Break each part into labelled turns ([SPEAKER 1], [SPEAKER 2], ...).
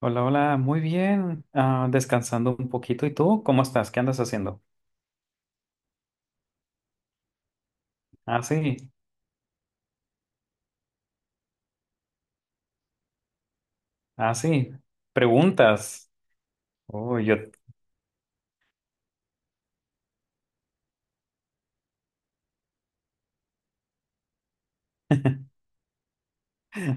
[SPEAKER 1] Hola, hola, muy bien. Descansando un poquito. ¿Y tú? ¿Cómo estás? ¿Qué andas haciendo? Ah, sí, ah, sí. Preguntas. Oh, yo.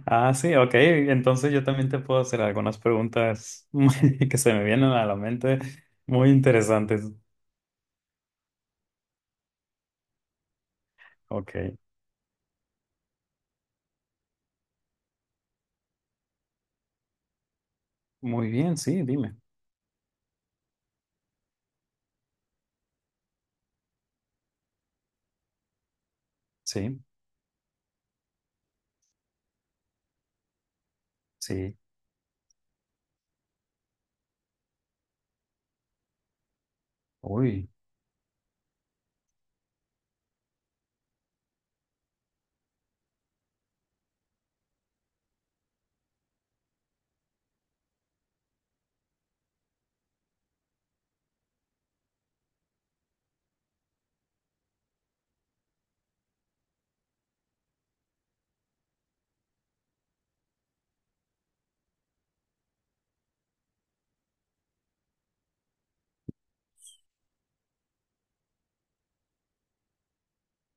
[SPEAKER 1] Ah, sí, ok. Entonces yo también te puedo hacer algunas preguntas que se me vienen a la mente muy interesantes. Ok. Muy bien, sí, dime. Sí, sí. Uy.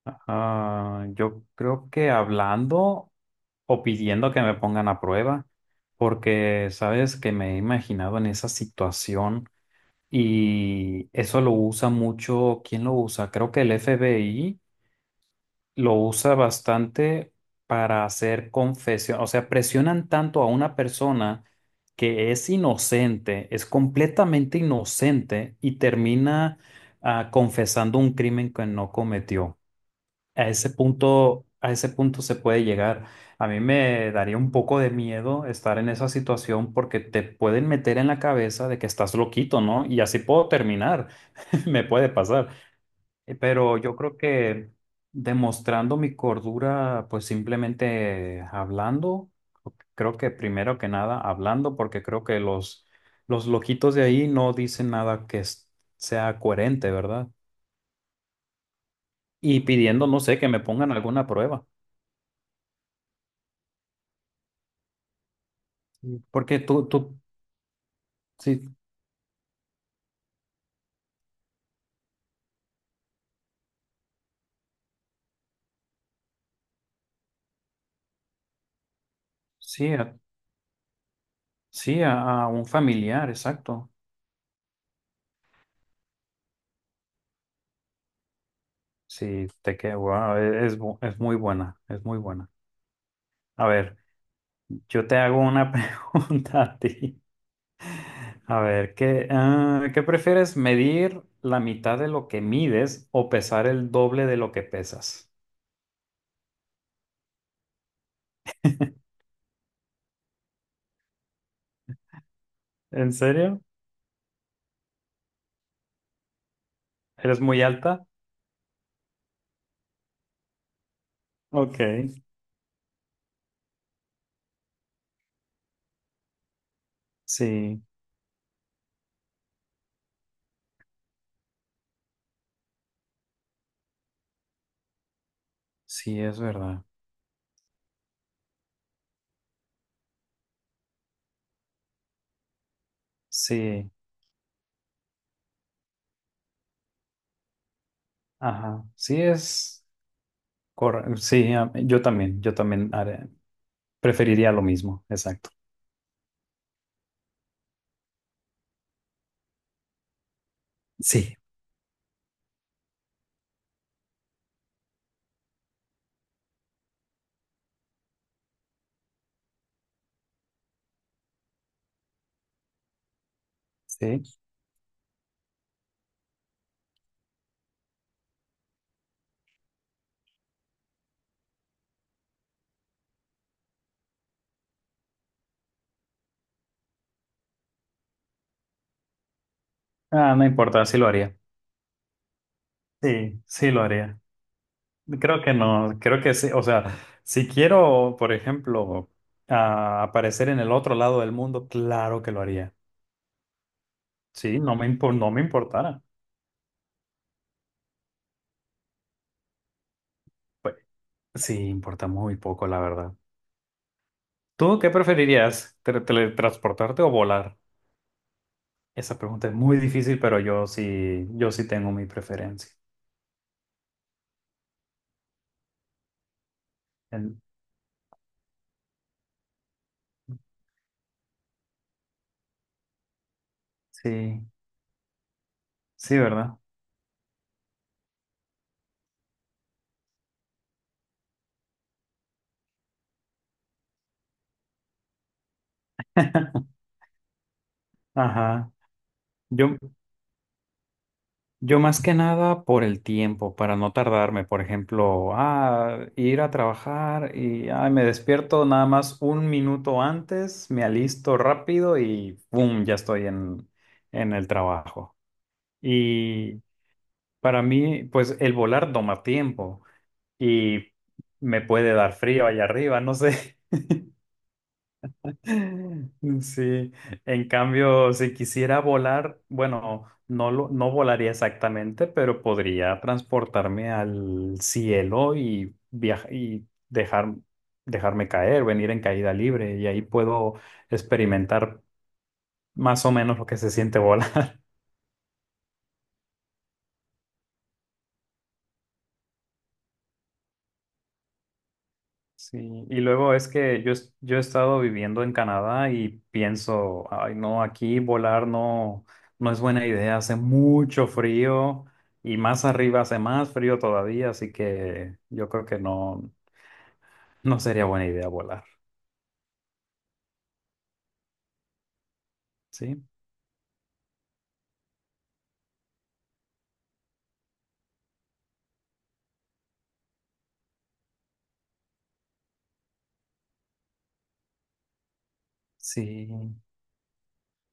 [SPEAKER 1] Yo creo que hablando o pidiendo que me pongan a prueba, porque sabes que me he imaginado en esa situación. Y eso lo usa mucho, ¿quién lo usa? Creo que el FBI lo usa bastante para hacer confesión, o sea, presionan tanto a una persona que es inocente, es completamente inocente y termina confesando un crimen que no cometió. A ese punto se puede llegar. A mí me daría un poco de miedo estar en esa situación porque te pueden meter en la cabeza de que estás loquito, ¿no? Y así puedo terminar. Me puede pasar. Pero yo creo que demostrando mi cordura, pues simplemente hablando, creo que primero que nada hablando, porque creo que los loquitos de ahí no dicen nada que sea coherente, ¿verdad? Y pidiendo, no sé, que me pongan alguna prueba, porque tú, sí, sí, sí, a un familiar, exacto. Sí, te queda, wow, es, es muy buena, es muy buena. A ver, yo te hago una pregunta a ti. A ver, ¿qué prefieres? ¿Medir la mitad de lo que mides o pesar el doble de lo que pesas? ¿En serio? ¿Eres muy alta? Ok, sí, sí, es verdad. Sí, ajá, sí es correcto. Sí, yo también, preferiría lo mismo, exacto. Sí, sí. Ah, no importa, sí lo haría. Sí, sí lo haría. Creo que no, creo que sí, o sea, si quiero, por ejemplo, aparecer en el otro lado del mundo, claro que lo haría. Sí, no me importara. Pues, sí, importa muy poco, la verdad. ¿Tú qué preferirías, teletransportarte o volar? Esa pregunta es muy difícil, pero yo sí, yo sí tengo mi preferencia. En- Sí, sí, ¿verdad? Ajá. Yo, Yo más que nada por el tiempo, para no tardarme, por ejemplo, ir a trabajar y ay, me despierto nada más 1 minuto antes, me alisto rápido y ¡pum! Ya estoy en el trabajo. Y para mí, pues el volar toma tiempo y me puede dar frío allá arriba, no sé. Sí, en cambio, si quisiera volar, bueno, no volaría exactamente, pero podría transportarme al cielo y viajar y dejarme caer, venir en caída libre, y ahí puedo experimentar más o menos lo que se siente volar. Sí, y luego es que yo, yo he estado viviendo en Canadá y pienso, ay no, aquí volar no, no es buena idea, hace mucho frío y más arriba hace más frío todavía, así que yo creo que no, no sería buena idea volar, ¿sí? Sí,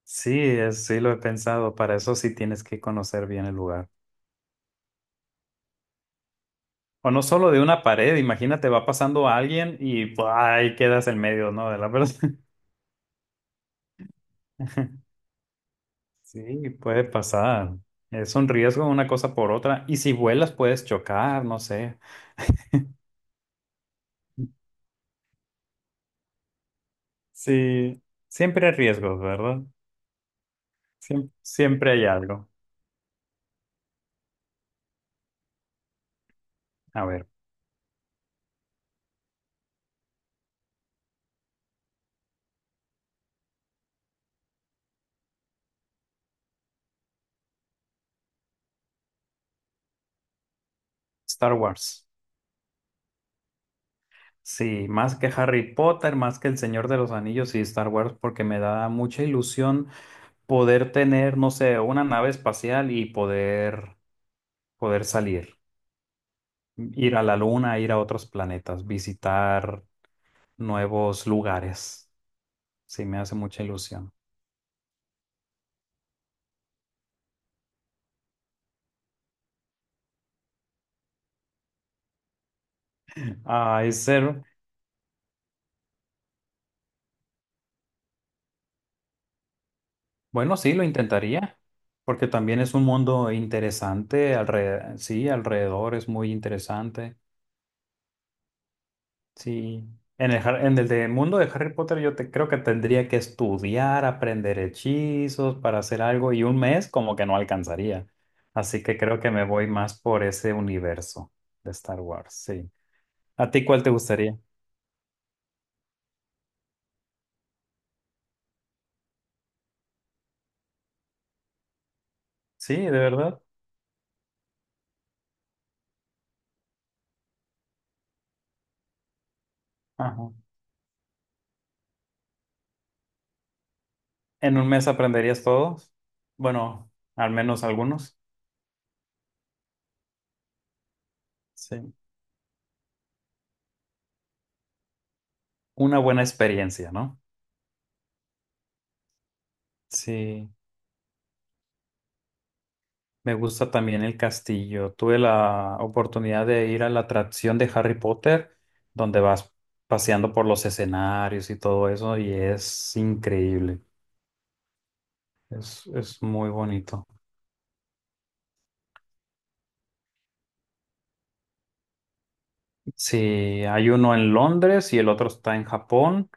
[SPEAKER 1] sí, sí lo he pensado, para eso sí tienes que conocer bien el lugar. O no solo de una pared, imagínate, va pasando alguien y ¡buah! Ahí quedas en medio, ¿no? De la verdad. Sí, puede pasar. Es un riesgo una cosa por otra. Y si vuelas puedes chocar, no sé. Sí, siempre hay riesgos, ¿verdad? Siempre hay algo. A ver, Star Wars. Sí, más que Harry Potter, más que El Señor de los Anillos y Star Wars, porque me da mucha ilusión poder tener, no sé, una nave espacial y poder salir, ir a la luna, ir a otros planetas, visitar nuevos lugares. Sí, me hace mucha ilusión. A ser, bueno, sí, lo intentaría, porque también es un mundo interesante, alrededor, sí, alrededor es muy interesante, sí. Mundo de Harry Potter creo que tendría que estudiar, aprender hechizos para hacer algo y 1 mes como que no alcanzaría. Así que creo que me voy más por ese universo de Star Wars, sí. ¿A ti cuál te gustaría? Sí, de verdad. Ajá. ¿En 1 mes aprenderías todos? Bueno, al menos algunos. Sí. Una buena experiencia, ¿no? Sí, me gusta también el castillo. Tuve la oportunidad de ir a la atracción de Harry Potter, donde vas paseando por los escenarios y todo eso, y es increíble. Es muy bonito. Sí, hay uno en Londres y el otro está en Japón,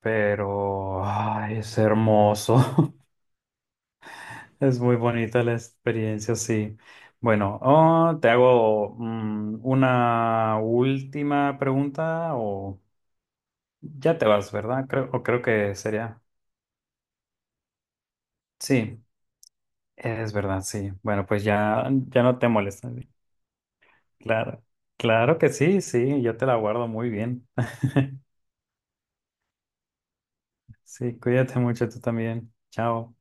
[SPEAKER 1] pero ay, es hermoso. Es muy bonita la experiencia, sí. Bueno, oh, te hago una última pregunta o ya te vas, ¿verdad? Creo, o creo que sería. Sí, es verdad, sí. Bueno, pues ya, ya no te molestas. Claro, claro que sí, sí, yo te la guardo muy bien. Sí, cuídate mucho tú también. Chao.